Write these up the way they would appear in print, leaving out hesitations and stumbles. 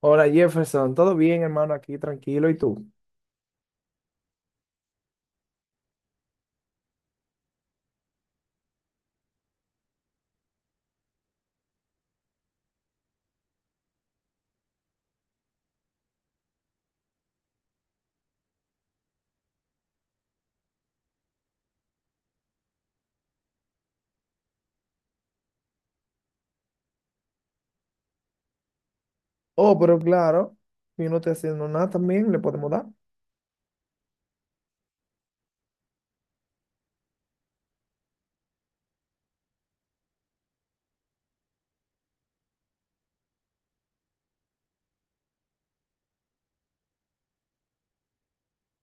Hola, Jefferson, ¿todo bien, hermano? Aquí tranquilo, ¿y tú? Oh, pero claro, yo no estoy haciendo nada también, le podemos dar.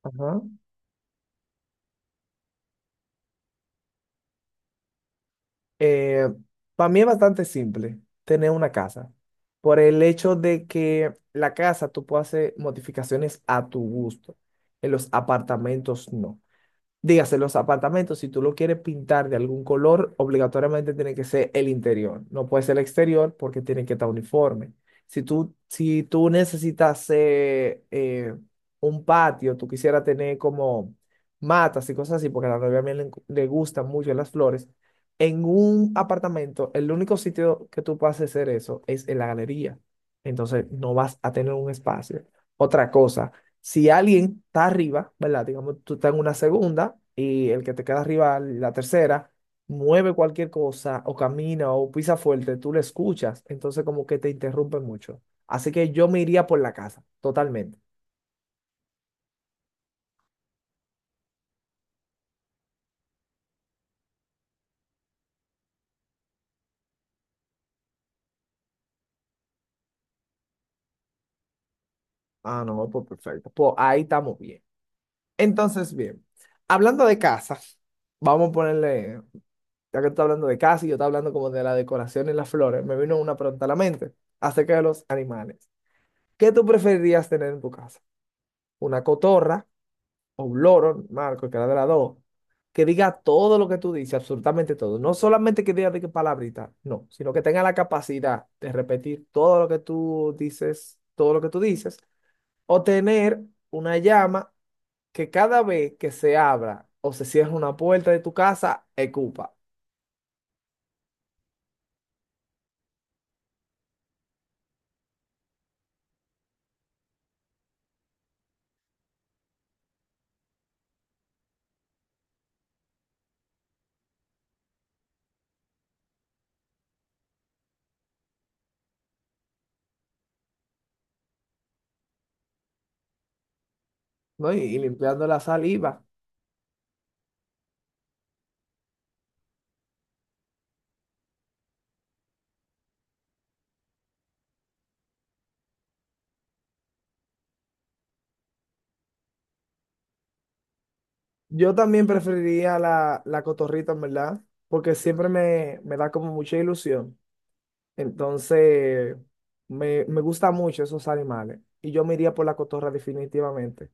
Ajá. Para mí es bastante simple tener una casa, por el hecho de que la casa tú puedes hacer modificaciones a tu gusto, en los apartamentos no. Dígase, los apartamentos, si tú lo quieres pintar de algún color, obligatoriamente tiene que ser el interior. No puede ser el exterior porque tiene que estar uniforme. Si tú necesitas un patio, tú quisieras tener como matas y cosas así, porque a la novia mía le gustan mucho las flores. En un apartamento, el único sitio que tú puedes hacer eso es en la galería. Entonces, no vas a tener un espacio. Otra cosa, si alguien está arriba, ¿verdad? Digamos, tú estás en una segunda y el que te queda arriba, la tercera, mueve cualquier cosa o camina o pisa fuerte, tú le escuchas, entonces como que te interrumpe mucho. Así que yo me iría por la casa, totalmente. Ah, no, pues perfecto. Pues ahí estamos bien. Entonces, bien, hablando de casa, vamos a ponerle, ya que tú estás hablando de casa y yo estoy hablando como de la decoración y las flores, me vino una pregunta a la mente acerca de los animales. ¿Qué tú preferirías tener en tu casa? ¿Una cotorra o un loro, Marco, que era de las dos, que diga todo lo que tú dices, absolutamente todo? No solamente que diga de qué palabrita, no, sino que tenga la capacidad de repetir todo lo que tú dices, todo lo que tú dices, o tener una llama que cada vez que se abra o se cierra una puerta de tu casa, escupa, ¿no? Y limpiando la saliva. Yo también preferiría la, la cotorrita, en verdad, porque siempre me da como mucha ilusión. Entonces, me gustan mucho esos animales. Y yo me iría por la cotorra definitivamente.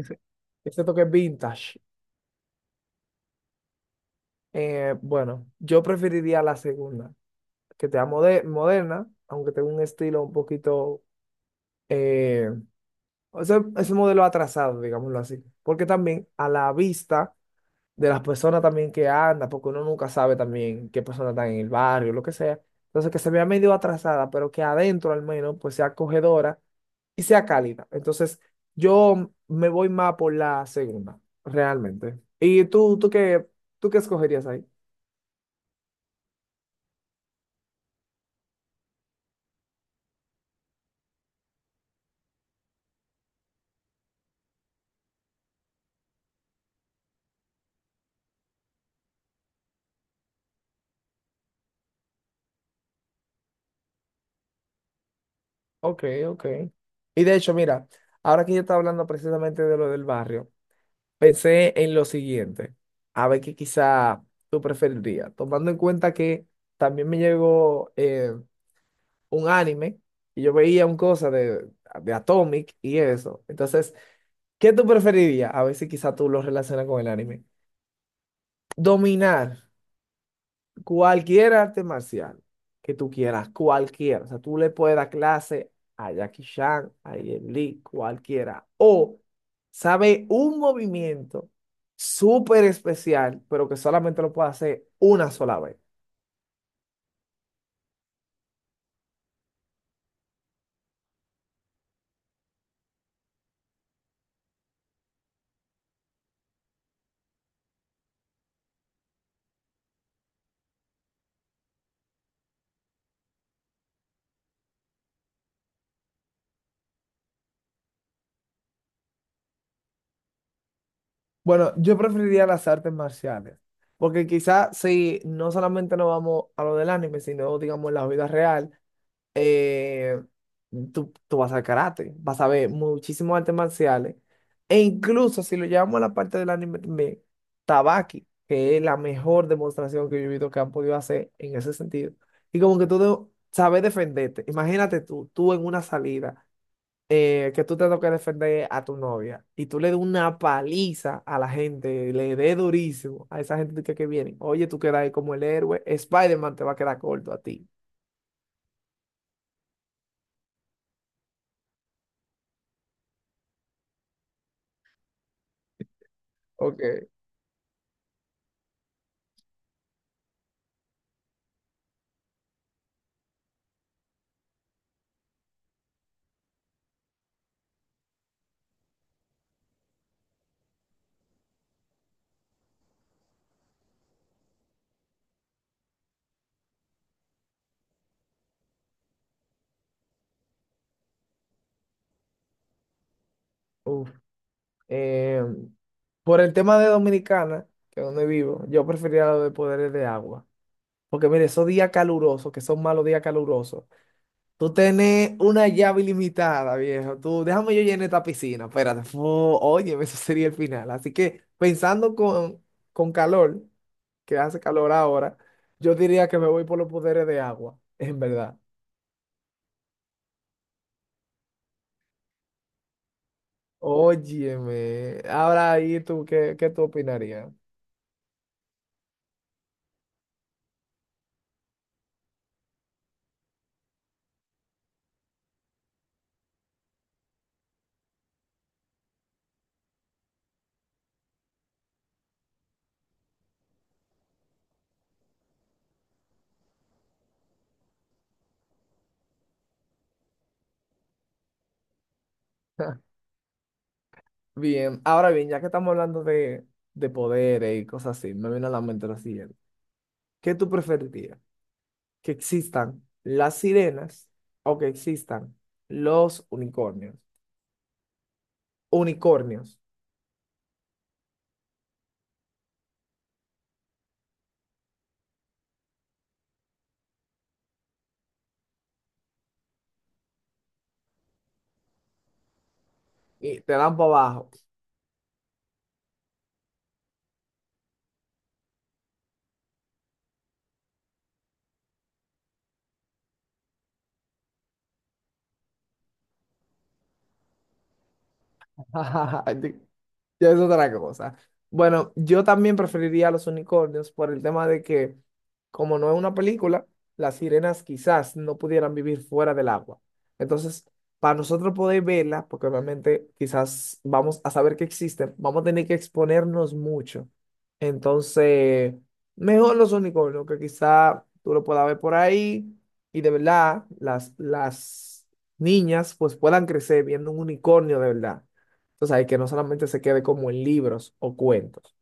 Ese, ese toque vintage. Bueno, yo preferiría la segunda, que sea moderna, aunque tenga un estilo un poquito... eh, o sea, es un modelo atrasado, digámoslo así. Porque también a la vista de las personas también que anda, porque uno nunca sabe también qué persona está en el barrio, lo que sea. Entonces, que se vea medio atrasada, pero que adentro al menos pues sea acogedora y sea cálida. Entonces, yo me voy más por la segunda, realmente. ¿Y tú, tú qué escogerías ahí? Ok, ok. Y de hecho, mira, ahora que yo estaba hablando precisamente de lo del barrio, pensé en lo siguiente, a ver qué quizá tú preferirías, tomando en cuenta que también me llegó un anime y yo veía un cosa de Atomic y eso. Entonces, ¿qué tú preferirías? A ver si quizá tú lo relacionas con el anime. Dominar cualquier arte marcial que tú quieras, cualquiera. O sea, tú le puedes dar clase a Jackie Chan, a Jet Li, cualquiera. O sabe un movimiento súper especial, pero que solamente lo puede hacer una sola vez. Bueno, yo preferiría las artes marciales, porque quizás si no solamente nos vamos a lo del anime, sino digamos en la vida real, eh, tú vas al karate, vas a ver muchísimos artes marciales, e incluso si lo llevamos a la parte del anime también, Tabaki, que es la mejor demostración que yo he visto que han podido hacer en ese sentido, y como que sabes defenderte, imagínate tú, tú en una salida que tú te toques defender a tu novia y tú le des una paliza a la gente, le des durísimo a esa gente que viene, oye, tú quedas ahí como el héroe, Spider-Man te va a quedar corto a ti. Ok. Uf. Eh, por el tema de Dominicana, que es donde vivo, yo preferiría lo de poderes de agua. Porque mire, esos días calurosos, que son malos días calurosos, tú tenés una llave ilimitada, viejo. Tú, déjame yo llenar esta piscina. Espérate. Fu, oye, eso sería el final. Así que pensando con calor, que hace calor ahora, yo diría que me voy por los poderes de agua, en verdad. Óyeme. Ahora ahí tú, qué tú opinarías? Bien, ahora bien, ya que estamos hablando de poderes y cosas así, me viene a la mente lo siguiente. ¿Qué tú preferirías? ¿Que existan las sirenas o que existan los unicornios? Unicornios y te dan para abajo. Ya es otra cosa. Bueno, yo también preferiría a los unicornios por el tema de que, como no es una película, las sirenas quizás no pudieran vivir fuera del agua. Entonces, para nosotros poder verla, porque obviamente quizás vamos a saber que existen, vamos a tener que exponernos mucho. Entonces, mejor los unicornios, que quizá tú lo puedas ver por ahí y de verdad las niñas pues puedan crecer viendo un unicornio de verdad. Tú sabes, que no solamente se quede como en libros o cuentos.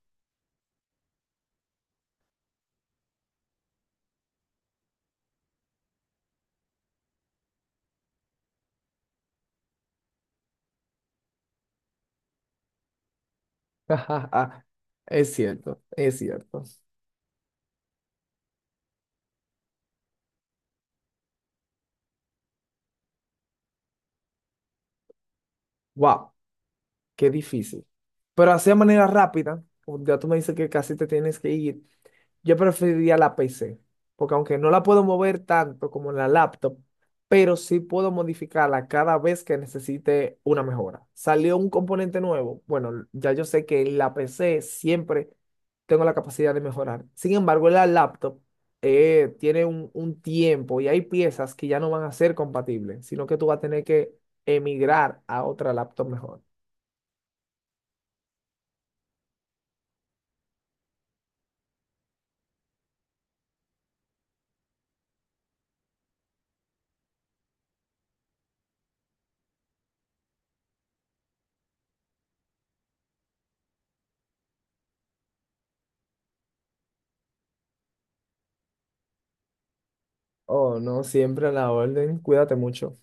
Es cierto, es cierto. Wow, qué difícil. Pero así de manera rápida, o ya tú me dices que casi te tienes que ir. Yo preferiría la PC, porque aunque no la puedo mover tanto como en la laptop, pero sí puedo modificarla cada vez que necesite una mejora. Salió un componente nuevo. Bueno, ya yo sé que en la PC siempre tengo la capacidad de mejorar. Sin embargo, en la laptop tiene un tiempo y hay piezas que ya no van a ser compatibles, sino que tú vas a tener que emigrar a otra laptop mejor. Oh, no, siempre a la orden. Cuídate mucho.